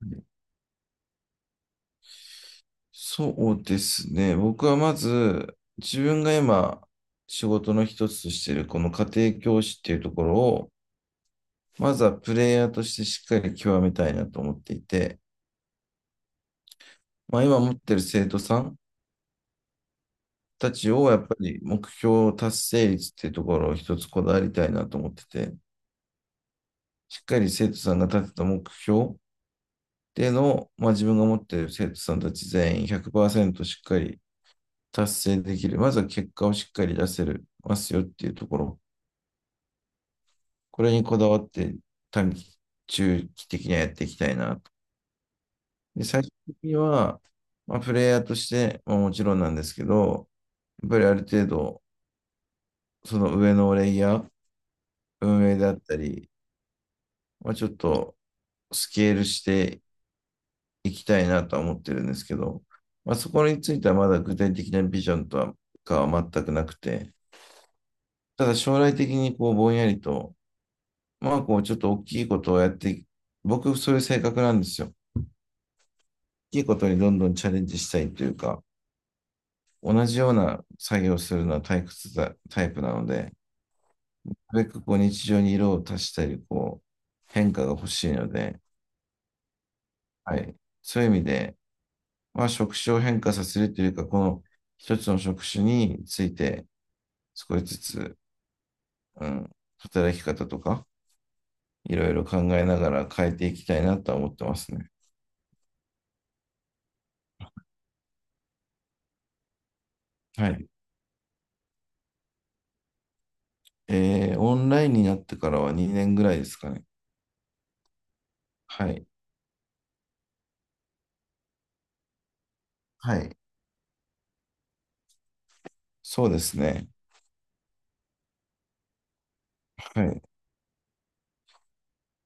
はい。そうですね。僕はまず、自分が今、仕事の一つとしている、この家庭教師っていうところを、まずはプレイヤーとしてしっかり極めたいなと思っていて、まあ、今持ってる生徒さんたちを、やっぱり目標達成率っていうところを一つこだわりたいなと思ってて、しっかり生徒さんが立てた目標での、まあ、自分が持っている生徒さんたち全員100%しっかり達成できる。まずは結果をしっかり出せるますよっていうところ。これにこだわって短期、中期的にはやっていきたいなと。で、最終的には、まあ、プレイヤーとして、まあ、もちろんなんですけど、やっぱりある程度、その上のレイヤー、運営であったり、まあ、ちょっとスケールしていきたいなとは思ってるんですけど、まあ、そこについてはまだ具体的なビジョンとはかは全くなくて、ただ将来的にこうぼんやりと、まあこうちょっと大きいことをやって、僕そういう性格なんですよ。大きいことにどんどんチャレンジしたいというか、同じような作業をするのは退屈だタイプなので、なるべくこう日常に色を足したり、こう変化が欲しいので、はい。そういう意味で、まあ職種を変化させるというか、この一つの職種について少しずつ、うん、働き方とか、いろいろ考えながら変えていきたいなとは思ってますね。はい。オンラインになってからは2年ぐらいですかね。はい。はい。そうですね。はい。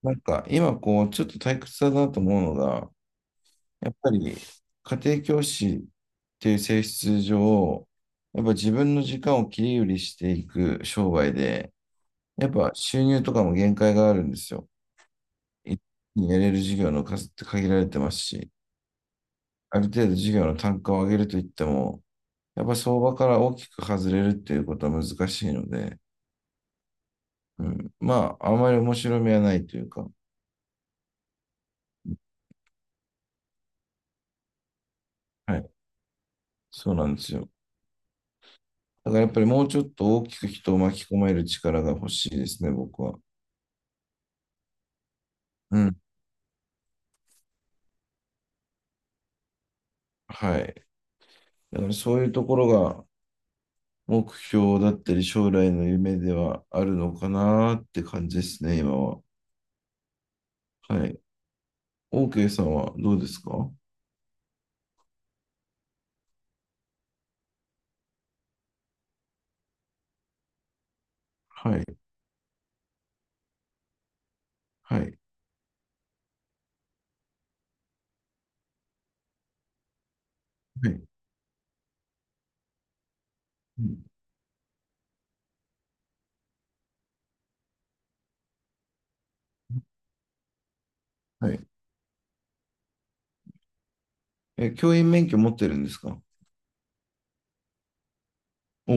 なんか、今、こう、ちょっと退屈だなと思うのが、やっぱり、家庭教師っていう性質上、やっぱ自分の時間を切り売りしていく商売で、やっぱ収入とかも限界があるんですよ。一気にやれる事業の数って限られてますし、ある程度事業の単価を上げるといっても、やっぱ相場から大きく外れるっていうことは難しいので、うん、まあ、あまり面白みはないというか、はい、そうなんですよ。だからやっぱりもうちょっと大きく人を巻き込める力が欲しいですね、僕は。うん、はい。だからそういうところが目標だったり将来の夢ではあるのかなって感じですね、今は。はい。OK さんはどうですか？はい、はい、はい、うん、はい。え、教員免許持ってるんですか？お、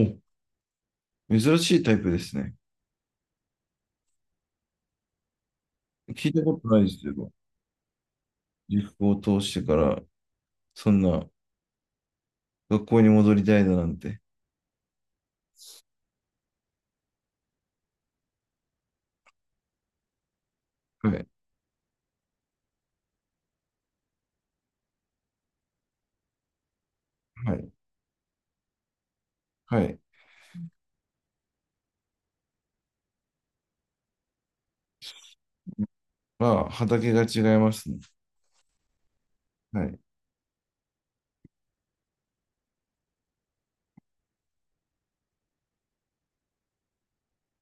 珍しいタイプですね。聞いたことないですよ。塾を通してから、そんな学校に戻りたいだなんて。はい、はい、はい。まあ、畑が違いますね。はい、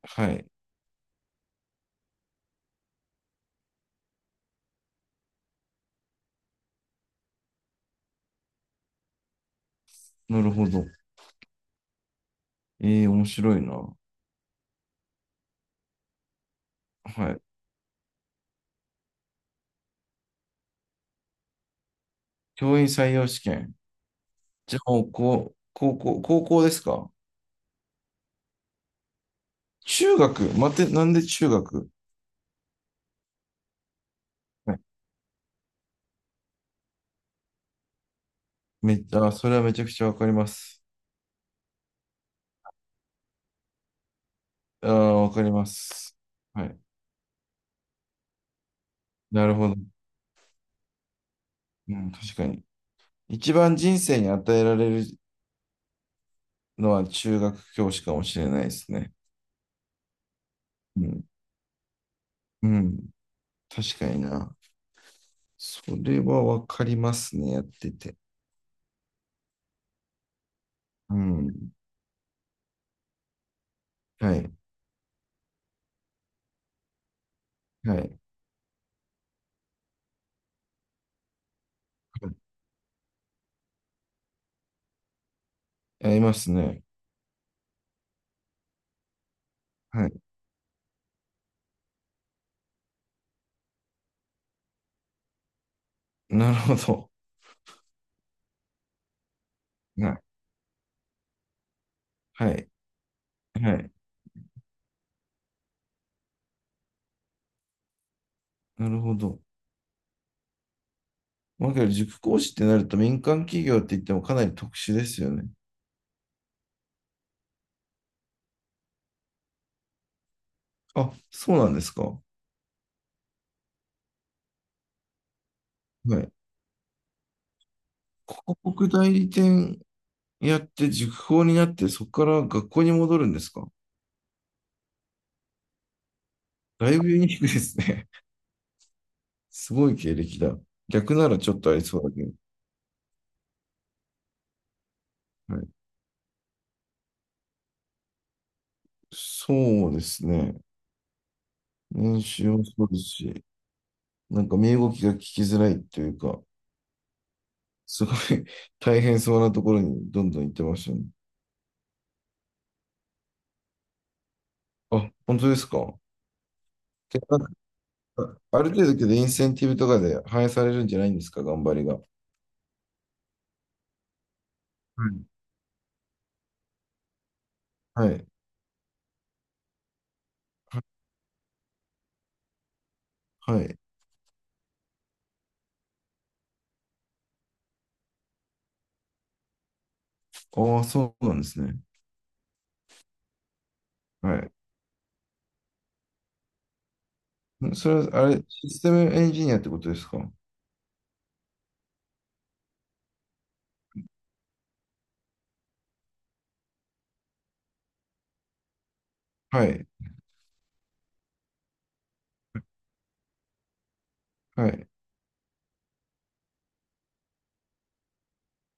はい。なるほど。ええ、面白いな。はい。教員採用試験。じゃあ、もう、こう、高校、高校ですか？中学待って、なんで中学？はい。めっちゃ、あそれはめちゃくちゃわかります。ああ、わかります。はい。なるほど。うん、確かに。一番人生に与えられるのは中学教師かもしれないですね。うん。うん。確かにな。それはわかりますね。やってて。うん。はい。はい。やりますね。はい。なるほど。はい。はい。はい。なるほど。まあ、けど塾講師ってなると民間企業って言ってもかなり特殊ですよね。あ、そうなんですか。はい。広告代理店やって塾講になって、そこから学校に戻るんですか？だいぶユニークですね。すごい経歴だ。逆ならちょっとありそうだけど。はい、そうですね。年収もそうですし、なんか身動きが聞きづらいというか、すごい 大変そうなところにどんどん行ってましたね。あ、本当ですか。で、なんかある程度けどインセンティブとかで反映されるんじゃないんですか、頑張りが。はい。はい。ああ、そうなんですね。はい。それは、あれ、システムエンジニアってことですか？はい。はい。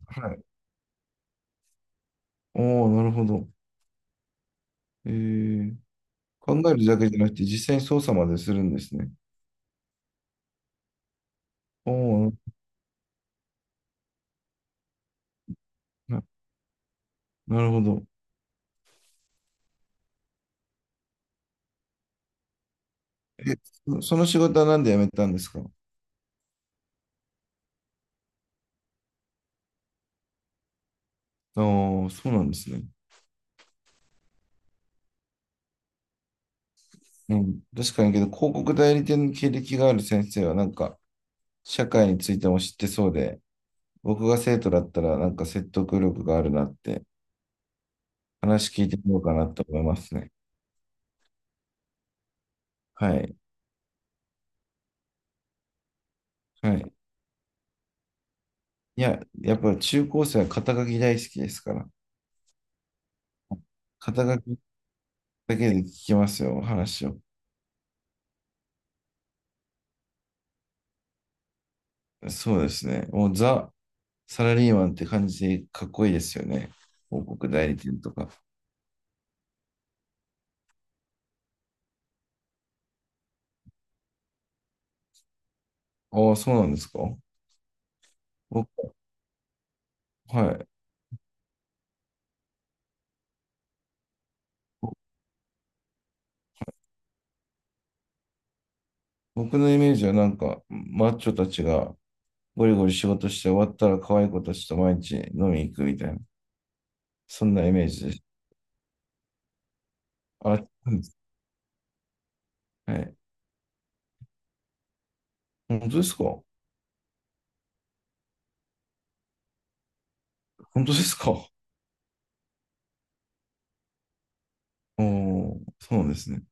はい。おお、なるほど。えー、考えるだけじゃなくて実際に操作までするんですね。おお、な、なるほど。え、その仕事はなんで辞めたんですか？ああー、そうなんですね。うん、確かにけど、広告代理店の経歴がある先生は、なんか、社会についても知ってそうで、僕が生徒だったら、なんか説得力があるなって、話聞いてみようかなと思いますね。はい。はい。いや、やっぱり中高生は肩書き大好きですから、肩書きだけで聞きますよ、話を。そうですね。もうザ・サラリーマンって感じでかっこいいですよね。広告代理店とか。ああ、そうなんですか。僕、はい。ぼ僕のイメージはなんか、マッチョたちがゴリゴリ仕事して終わったら可愛い子たちと毎日飲みに行くみたいな、そんなイメージです。あ、そうです。はい。本当ですか？本当ですか？ おー、そうなんですね。